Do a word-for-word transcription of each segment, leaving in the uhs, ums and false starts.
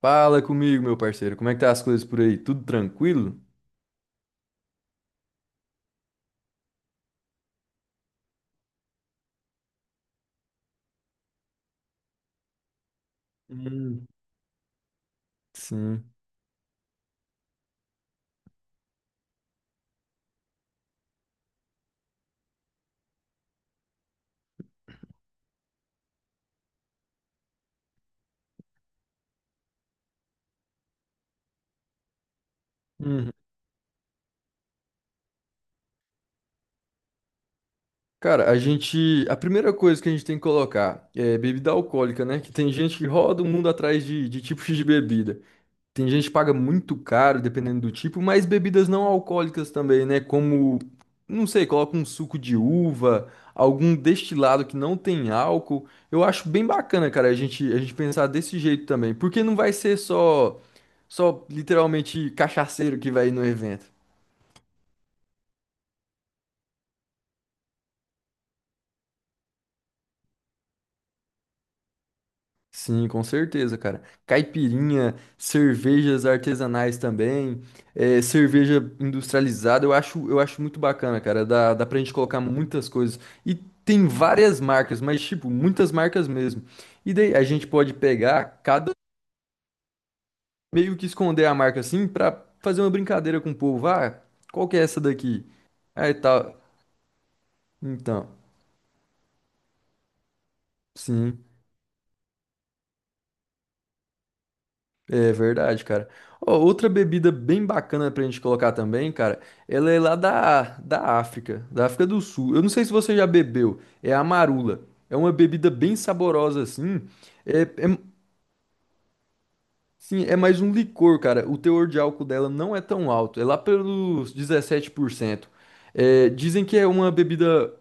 Fala comigo, meu parceiro. Como é que tá as coisas por aí? Tudo tranquilo? Hum, Sim. Uhum. Cara, a gente. A primeira coisa que a gente tem que colocar é bebida alcoólica, né? Que tem gente que roda o mundo atrás de, de tipos de bebida. Tem gente que paga muito caro, dependendo do tipo, mas bebidas não alcoólicas também, né? Como, não sei, coloca um suco de uva, algum destilado que não tem álcool. Eu acho bem bacana, cara, a gente, a gente pensar desse jeito também. Porque não vai ser só. Só literalmente cachaceiro que vai no evento. Sim, com certeza, cara. Caipirinha, cervejas artesanais também, eh, cerveja industrializada, eu acho, eu acho muito bacana, cara. Dá, dá pra gente colocar muitas coisas. E tem várias marcas, mas, tipo, muitas marcas mesmo. E daí a gente pode pegar cada meio que esconder a marca assim pra fazer uma brincadeira com o povo. Ah, qual que é essa daqui? Aí tal. Então, sim. É verdade, cara. Ó, outra bebida bem bacana pra gente colocar também, cara, ela é lá da, da África, da África do Sul. Eu não sei se você já bebeu, é a marula. É uma bebida bem saborosa assim. É, é, sim, é mais um licor, cara. O teor de álcool dela não é tão alto, é lá pelos dezessete por cento. É, dizem que é uma bebida.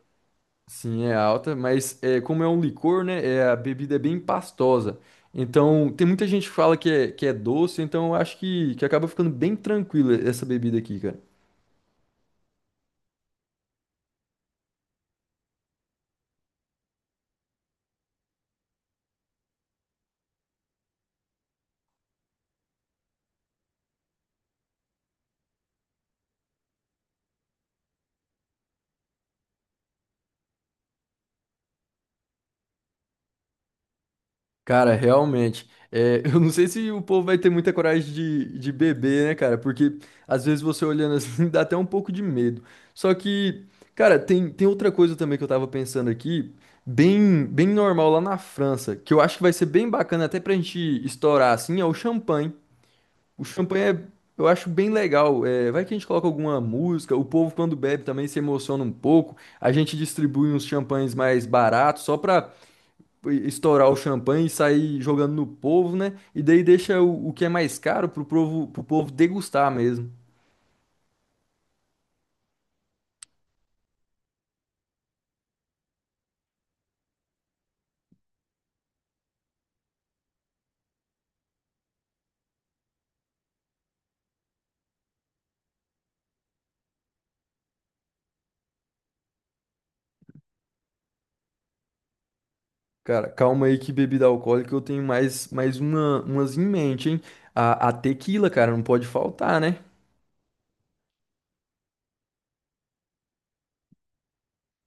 Sim, é alta, mas é, como é um licor, né? É, a bebida é bem pastosa. Então, tem muita gente que fala que é, que é doce, então eu acho que, que acaba ficando bem tranquila essa bebida aqui, cara. Cara, realmente. É, eu não sei se o povo vai ter muita coragem de, de beber, né, cara? Porque às vezes você olhando assim dá até um pouco de medo. Só que, cara, tem, tem outra coisa também que eu tava pensando aqui, bem, bem normal lá na França, que eu acho que vai ser bem bacana até pra gente estourar assim, é o champanhe. O champanhe é, eu acho bem legal. É, vai que a gente coloca alguma música, o povo quando bebe também se emociona um pouco. A gente distribui uns champanhes mais baratos só pra estourar o champanhe e sair jogando no povo, né? E daí deixa o, o que é mais caro pro povo, pro povo, degustar mesmo. Cara, calma aí que bebida alcoólica eu tenho mais, mais uma, umas em mente, hein? A, a tequila, cara, não pode faltar, né?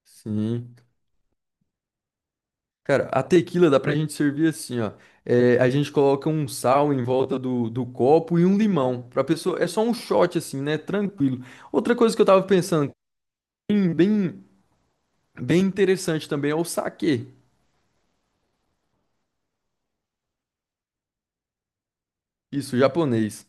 Sim. Cara, a tequila dá pra gente servir assim, ó. É, a gente coloca um sal em volta do, do copo e um limão. Pra pessoa, é só um shot assim, né? Tranquilo. Outra coisa que eu tava pensando, bem, bem, bem interessante também, é o saquê. Isso, japonês.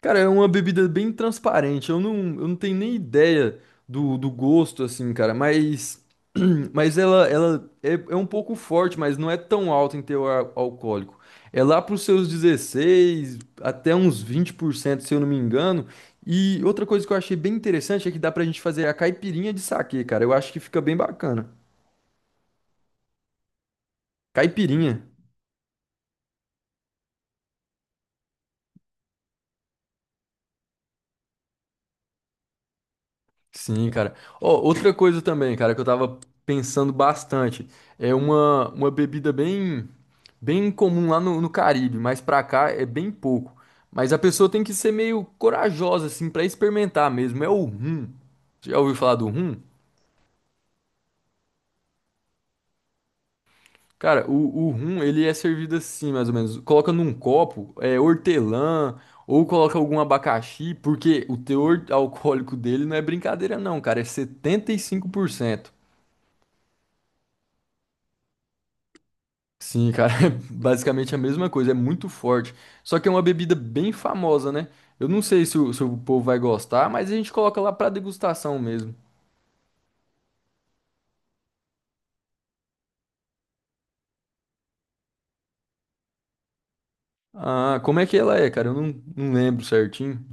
Cara, é uma bebida bem transparente. Eu não, eu não tenho nem ideia do, do gosto, assim, cara. Mas, mas ela, ela é, é um pouco forte, mas não é tão alta em teor al- alcoólico. É lá para os seus dezesseis até uns vinte por cento, se eu não me engano. E outra coisa que eu achei bem interessante é que dá pra gente fazer a caipirinha de saquê, cara. Eu acho que fica bem bacana. Caipirinha. Sim, cara. Ó, outra coisa também, cara, que eu tava pensando bastante, é uma, uma bebida bem bem comum lá no, no Caribe, mas pra cá é bem pouco. Mas a pessoa tem que ser meio corajosa, assim, pra experimentar mesmo. É o rum. Já ouviu falar do rum? Cara, o, o rum, ele é servido assim, mais ou menos. Coloca num copo, é, hortelã, ou coloca algum abacaxi, porque o teor alcoólico dele não é brincadeira não, cara, é setenta e cinco por cento. Sim, cara, é basicamente a mesma coisa, é muito forte. Só que é uma bebida bem famosa, né? Eu não sei se o, se o povo vai gostar, mas a gente coloca lá pra degustação mesmo. Ah, como é que ela é, cara? Eu não, não lembro certinho.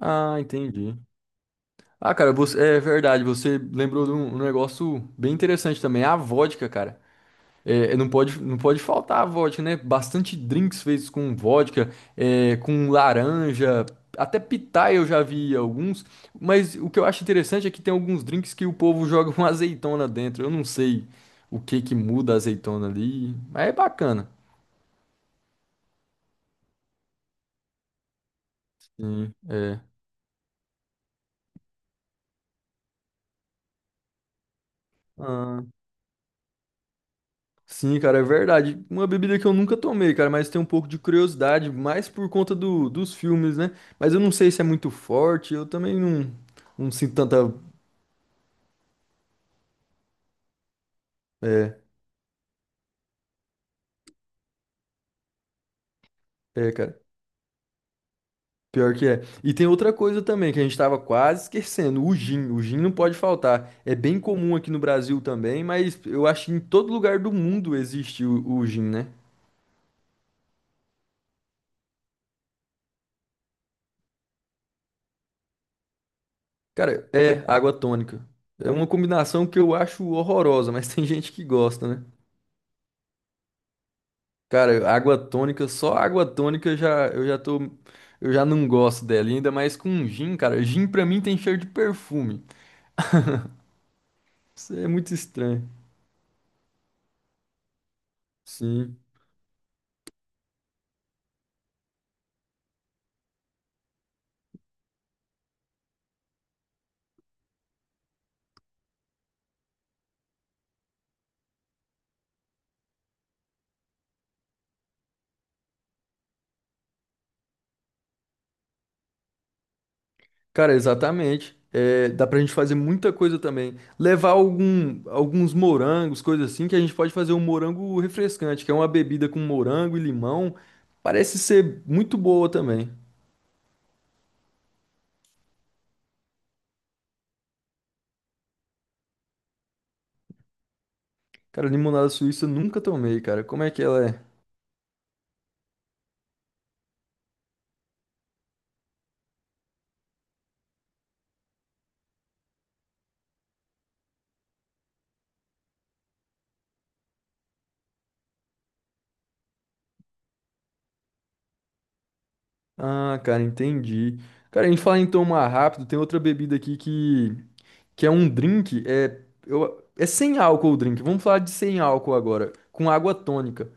Ah, entendi. Ah, cara, você, é verdade, você lembrou de um, um negócio bem interessante também, a vodka, cara. É, é, não pode, não pode faltar a vodka, né? Bastante drinks feitos com vodka, é, com laranja, até pitaia eu já vi alguns. Mas o que eu acho interessante é que tem alguns drinks que o povo joga uma azeitona dentro. Eu não sei o que que muda a azeitona ali, mas é bacana. Sim, é. Ah, sim, cara, é verdade. Uma bebida que eu nunca tomei, cara, mas tenho um pouco de curiosidade, mais por conta do, dos filmes, né? Mas eu não sei se é muito forte, eu também não, não sinto tanta. É, é, cara. Pior que é. E tem outra coisa também que a gente estava quase esquecendo, o gin. O gin não pode faltar. É bem comum aqui no Brasil também, mas eu acho que em todo lugar do mundo existe o, o gin, né? Cara, é água tônica. É uma combinação que eu acho horrorosa, mas tem gente que gosta, né? Cara, água tônica, só água tônica eu já eu já tô eu já não gosto dela, e ainda mais com gin, cara. Gin pra mim tem cheiro de perfume. Isso é muito estranho. Sim. Cara, exatamente. É, dá pra gente fazer muita coisa também. Levar algum, alguns morangos, coisa assim, que a gente pode fazer um morango refrescante, que é uma bebida com morango e limão. Parece ser muito boa também. Cara, limonada suíça eu nunca tomei, cara. Como é que ela é? Ah, cara, entendi. Cara, a gente fala em tomar rápido, tem outra bebida aqui que, que é um drink, é, eu, é sem álcool o drink. Vamos falar de sem álcool agora, com água tônica.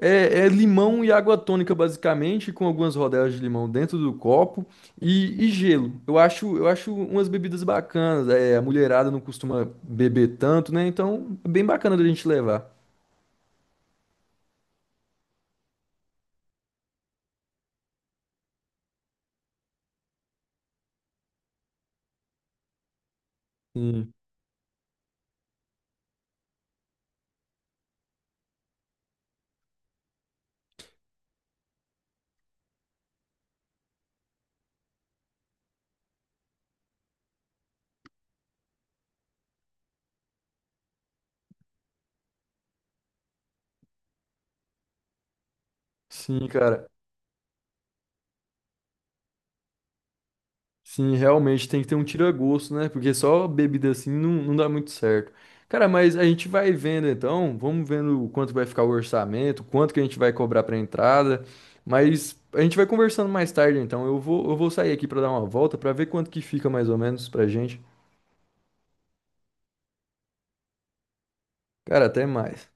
É, é limão e água tônica, basicamente, com algumas rodelas de limão dentro do copo e, e gelo. Eu acho, eu acho umas bebidas bacanas. É, a mulherada não costuma beber tanto, né? Então, é bem bacana da gente levar. Sim, sim, cara. Sim, realmente tem que ter um tira-gosto, né? Porque só bebida assim não, não dá muito certo. Cara, mas a gente vai vendo então, vamos vendo o quanto vai ficar o orçamento, quanto que a gente vai cobrar pra entrada, mas a gente vai conversando mais tarde então. Eu vou, eu vou sair aqui pra dar uma volta pra ver quanto que fica mais ou menos pra gente. Cara, até mais.